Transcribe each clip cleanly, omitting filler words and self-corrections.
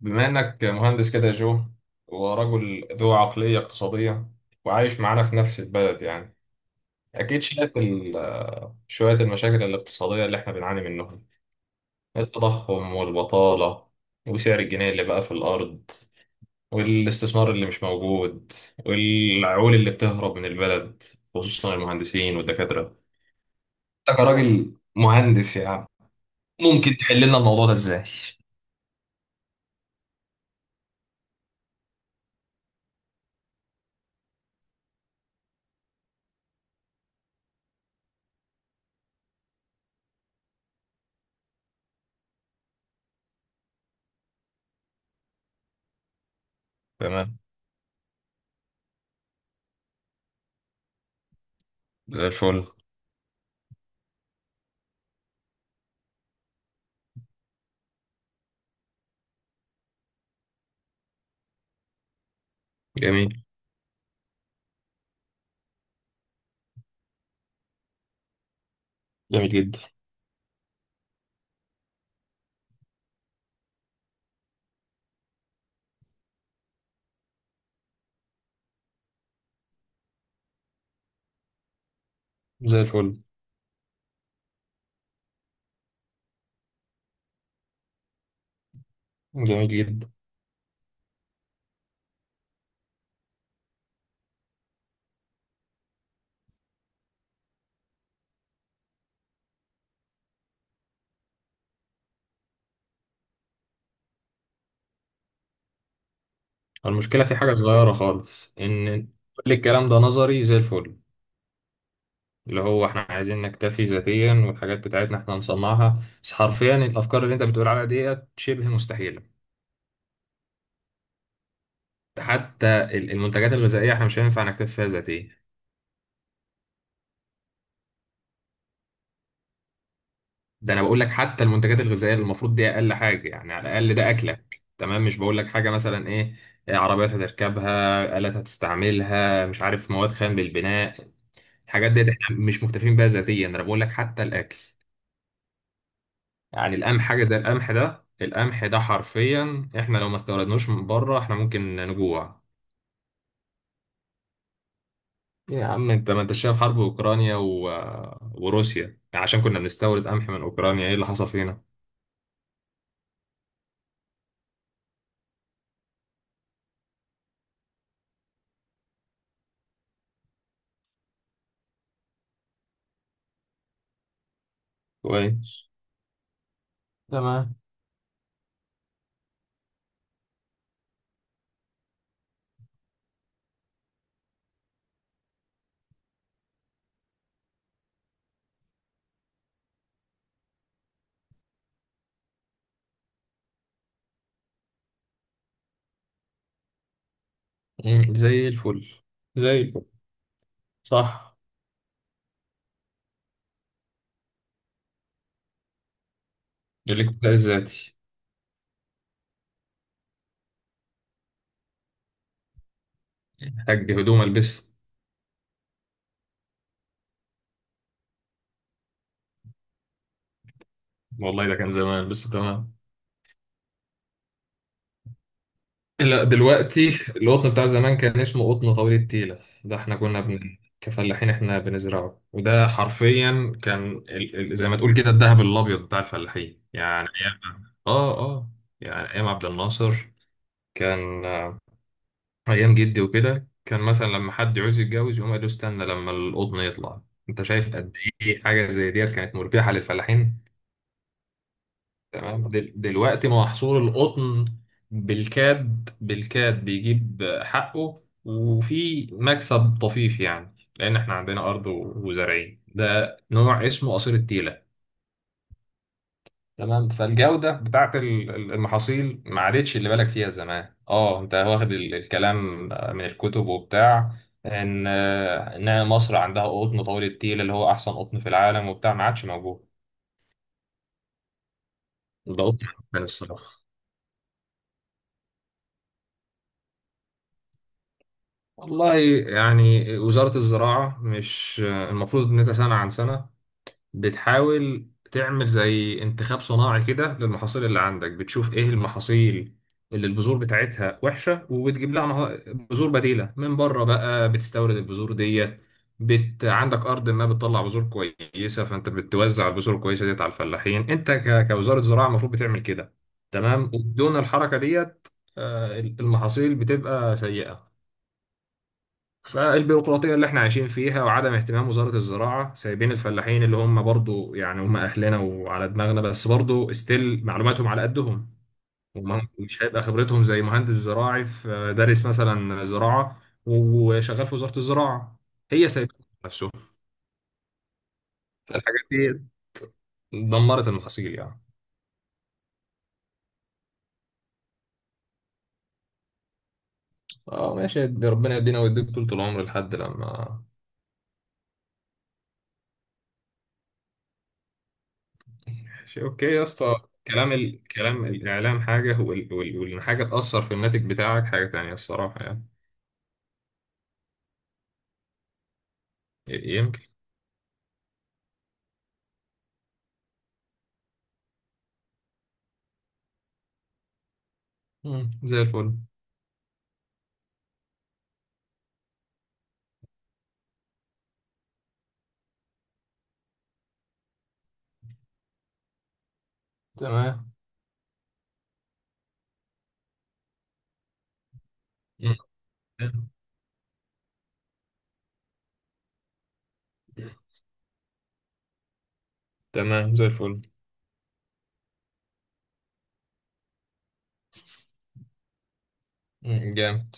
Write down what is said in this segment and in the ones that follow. بما انك مهندس كده يا جو، ورجل ذو عقلية اقتصادية وعايش معانا في نفس البلد يعني. اكيد شايف شوية المشاكل الاقتصادية اللي احنا بنعاني منهم. التضخم والبطالة، وسعر الجنيه اللي بقى في الارض، والاستثمار اللي مش موجود، والعقول اللي بتهرب من البلد، خصوصا المهندسين والدكاترة. انت كراجل مهندس يعني، ممكن تحل لنا الموضوع ده ازاي؟ تمام، زي الفل. جميل جميل جدا. زي الفل. جميل جدا. المشكلة في حاجة صغيرة خالص، إن كل الكلام ده نظري زي الفل. اللي هو إحنا عايزين نكتفي ذاتيا والحاجات بتاعتنا إحنا نصنعها، بس حرفيا الأفكار اللي أنت بتقول عليها ديت شبه مستحيلة. حتى المنتجات الغذائية إحنا مش هينفع نكتفي فيها ذاتيا. ده أنا بقول لك حتى المنتجات الغذائية، اللي المفروض دي أقل حاجة، يعني على الأقل ده أكلك. تمام، مش بقول لك حاجة مثلا إيه. إيه، عربيات هتركبها، آلات هتستعملها، مش عارف، مواد خام للبناء. الحاجات ديت إحنا مش مكتفين بيها ذاتيا. أنا بقول لك حتى الأكل. يعني القمح، حاجة زي القمح ده، القمح ده حرفيا احنا لو ما استوردناش من بره احنا ممكن نجوع. يا عم انت، ما انت شايف حرب اوكرانيا وروسيا. يعني عشان كنا بنستورد قمح من اوكرانيا، ايه اللي حصل فينا؟ كويس. تمام. مم، زي الفل. زي الفل. صح. الاكتفاء الذاتي. محتاج هدوم البسها. والله ده كان زمان، بس تمام. لا، دلوقتي. القطن بتاع زمان كان اسمه قطن طويل التيلة، ده احنا كنا بن... كفلاحين احنا بنزرعه، وده حرفيا كان زي ما تقول كده الذهب الابيض بتاع الفلاحين. يعني ايام يعني ايام عبد الناصر. كان ايام جدي وكده، كان مثلا لما حد يعوز يتجوز يقوم قال له استنى لما القطن يطلع. انت شايف قد ايه حاجه زي ديت كانت مربحه للفلاحين. تمام. دلوقتي محصول القطن بالكاد بالكاد بيجيب حقه، وفي مكسب طفيف، يعني لأن احنا عندنا أرض وزارعين ده نوع اسمه قصير التيلة. تمام. فالجودة بتاعت المحاصيل ما عادتش اللي بالك فيها زمان. اه، انت واخد الكلام من الكتب وبتاع، ان مصر عندها قطن طويل التيل اللي هو احسن قطن في العالم وبتاع، ما عادش موجود. ده قطن عفن الصراحة. والله يعني، وزارة الزراعة مش المفروض إن أنت سنة عن سنة بتحاول تعمل زي انتخاب صناعي كده للمحاصيل اللي عندك، بتشوف إيه المحاصيل اللي البذور بتاعتها وحشة وبتجيب لها بذور بديلة من بره، بقى بتستورد البذور ديت. عندك أرض ما بتطلع بذور كويسة، فأنت بتوزع البذور الكويسة ديت على الفلاحين. أنت كوزارة زراعة المفروض بتعمل كده. تمام، وبدون الحركة ديت المحاصيل بتبقى سيئة. فالبيروقراطية اللي احنا عايشين فيها، وعدم اهتمام وزارة الزراعة، سايبين الفلاحين اللي هم برضو يعني هم أهلنا وعلى دماغنا، بس برضو استيل معلوماتهم على قدهم. ومش هيبقى خبرتهم زي مهندس زراعي في، دارس مثلا زراعة وشغال في وزارة الزراعة. هي سايبة نفسه. فالحاجات دي دمرت المحاصيل يعني. اه ماشي، دي ربنا يدينا ويديك طول العمر لحد لما. ماشي، اوكي يا اسطى. كلام كلام الإعلام حاجة، والحاجة تأثر في الناتج بتاعك حاجة تانية، الصراحة يعني. يمكن. مم. زي الفل. تمام. مم. تمام. زي الفل. مم. جامد.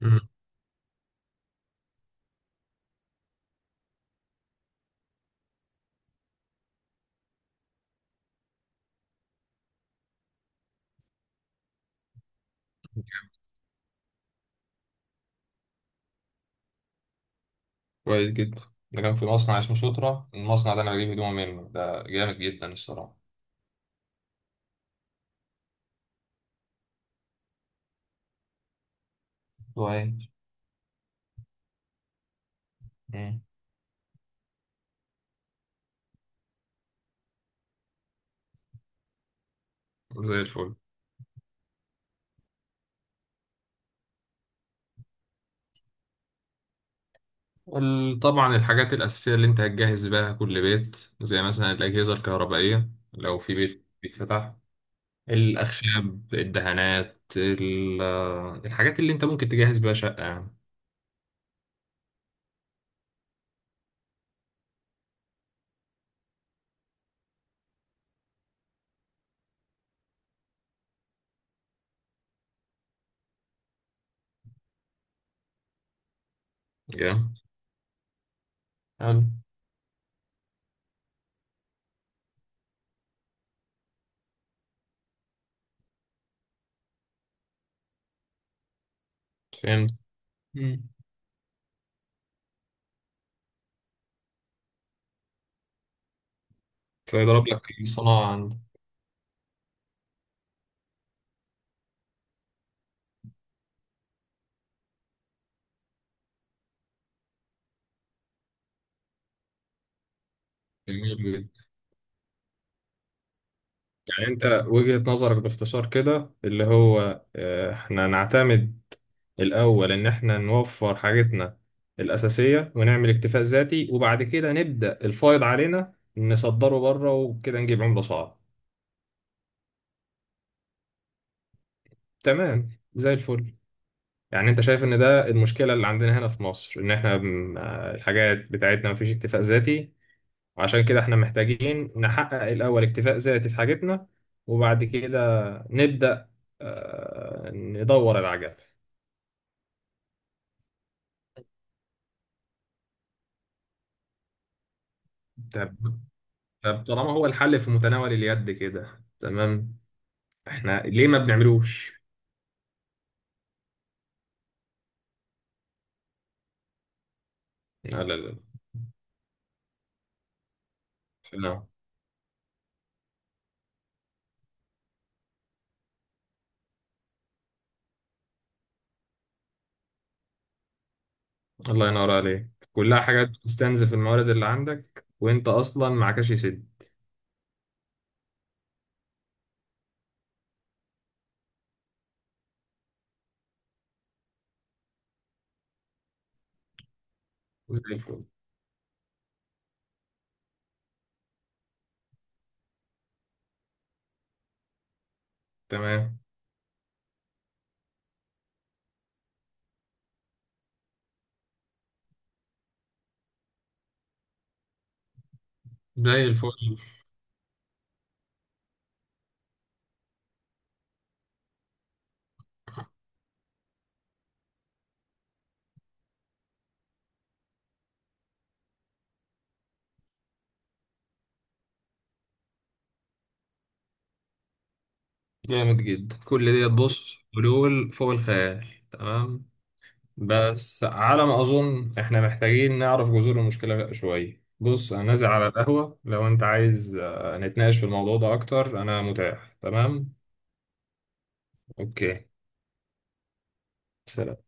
مم. كويس جدا. ده كان في مصنع اسمه سوترا، المصنع ده انا بجيب هدوم منه، ده جامد جدا الصراحه. كويس. مم. زي الفل. طبعا الحاجات الاساسيه اللي انت هتجهز بيها كل بيت، زي مثلا الاجهزه الكهربائيه لو في بيت بيتفتح، الاخشاب، الدهانات، الحاجات اللي انت ممكن تجهز بيها شقه يعني. جامد. حلو. فهمت. تلاقي ضرب لك الصناعة عندك. جميل جدا. يعني انت وجهة نظرك باختصار كده اللي هو احنا نعتمد الاول ان احنا نوفر حاجتنا الاساسية ونعمل اكتفاء ذاتي، وبعد كده نبدأ الفائض علينا نصدره بره وكده نجيب عملة صعبة. تمام، زي الفل. يعني انت شايف ان ده المشكلة اللي عندنا هنا في مصر، ان احنا الحاجات بتاعتنا مفيش اكتفاء ذاتي، وعشان كده احنا محتاجين نحقق الأول اكتفاء ذاتي في حاجتنا، وبعد كده نبدأ ندور العجل. طب طب طالما هو الحل في متناول اليد كده، تمام احنا ليه ما بنعملوش؟ لا لا لا. لا. الله ينور عليك، كلها حاجات بتستنزف الموارد اللي عندك وانت اصلا معكش سد. زي الفل. تمام. زي الفل. جامد جدا، كل دي تبص حلول فوق الخيال. تمام. بس على ما أظن إحنا محتاجين نعرف جذور المشكلة شوية. بص، أنا نازل على القهوة لو أنت عايز نتناقش في الموضوع ده أكتر. أنا متاح، تمام؟ أوكي. سلام.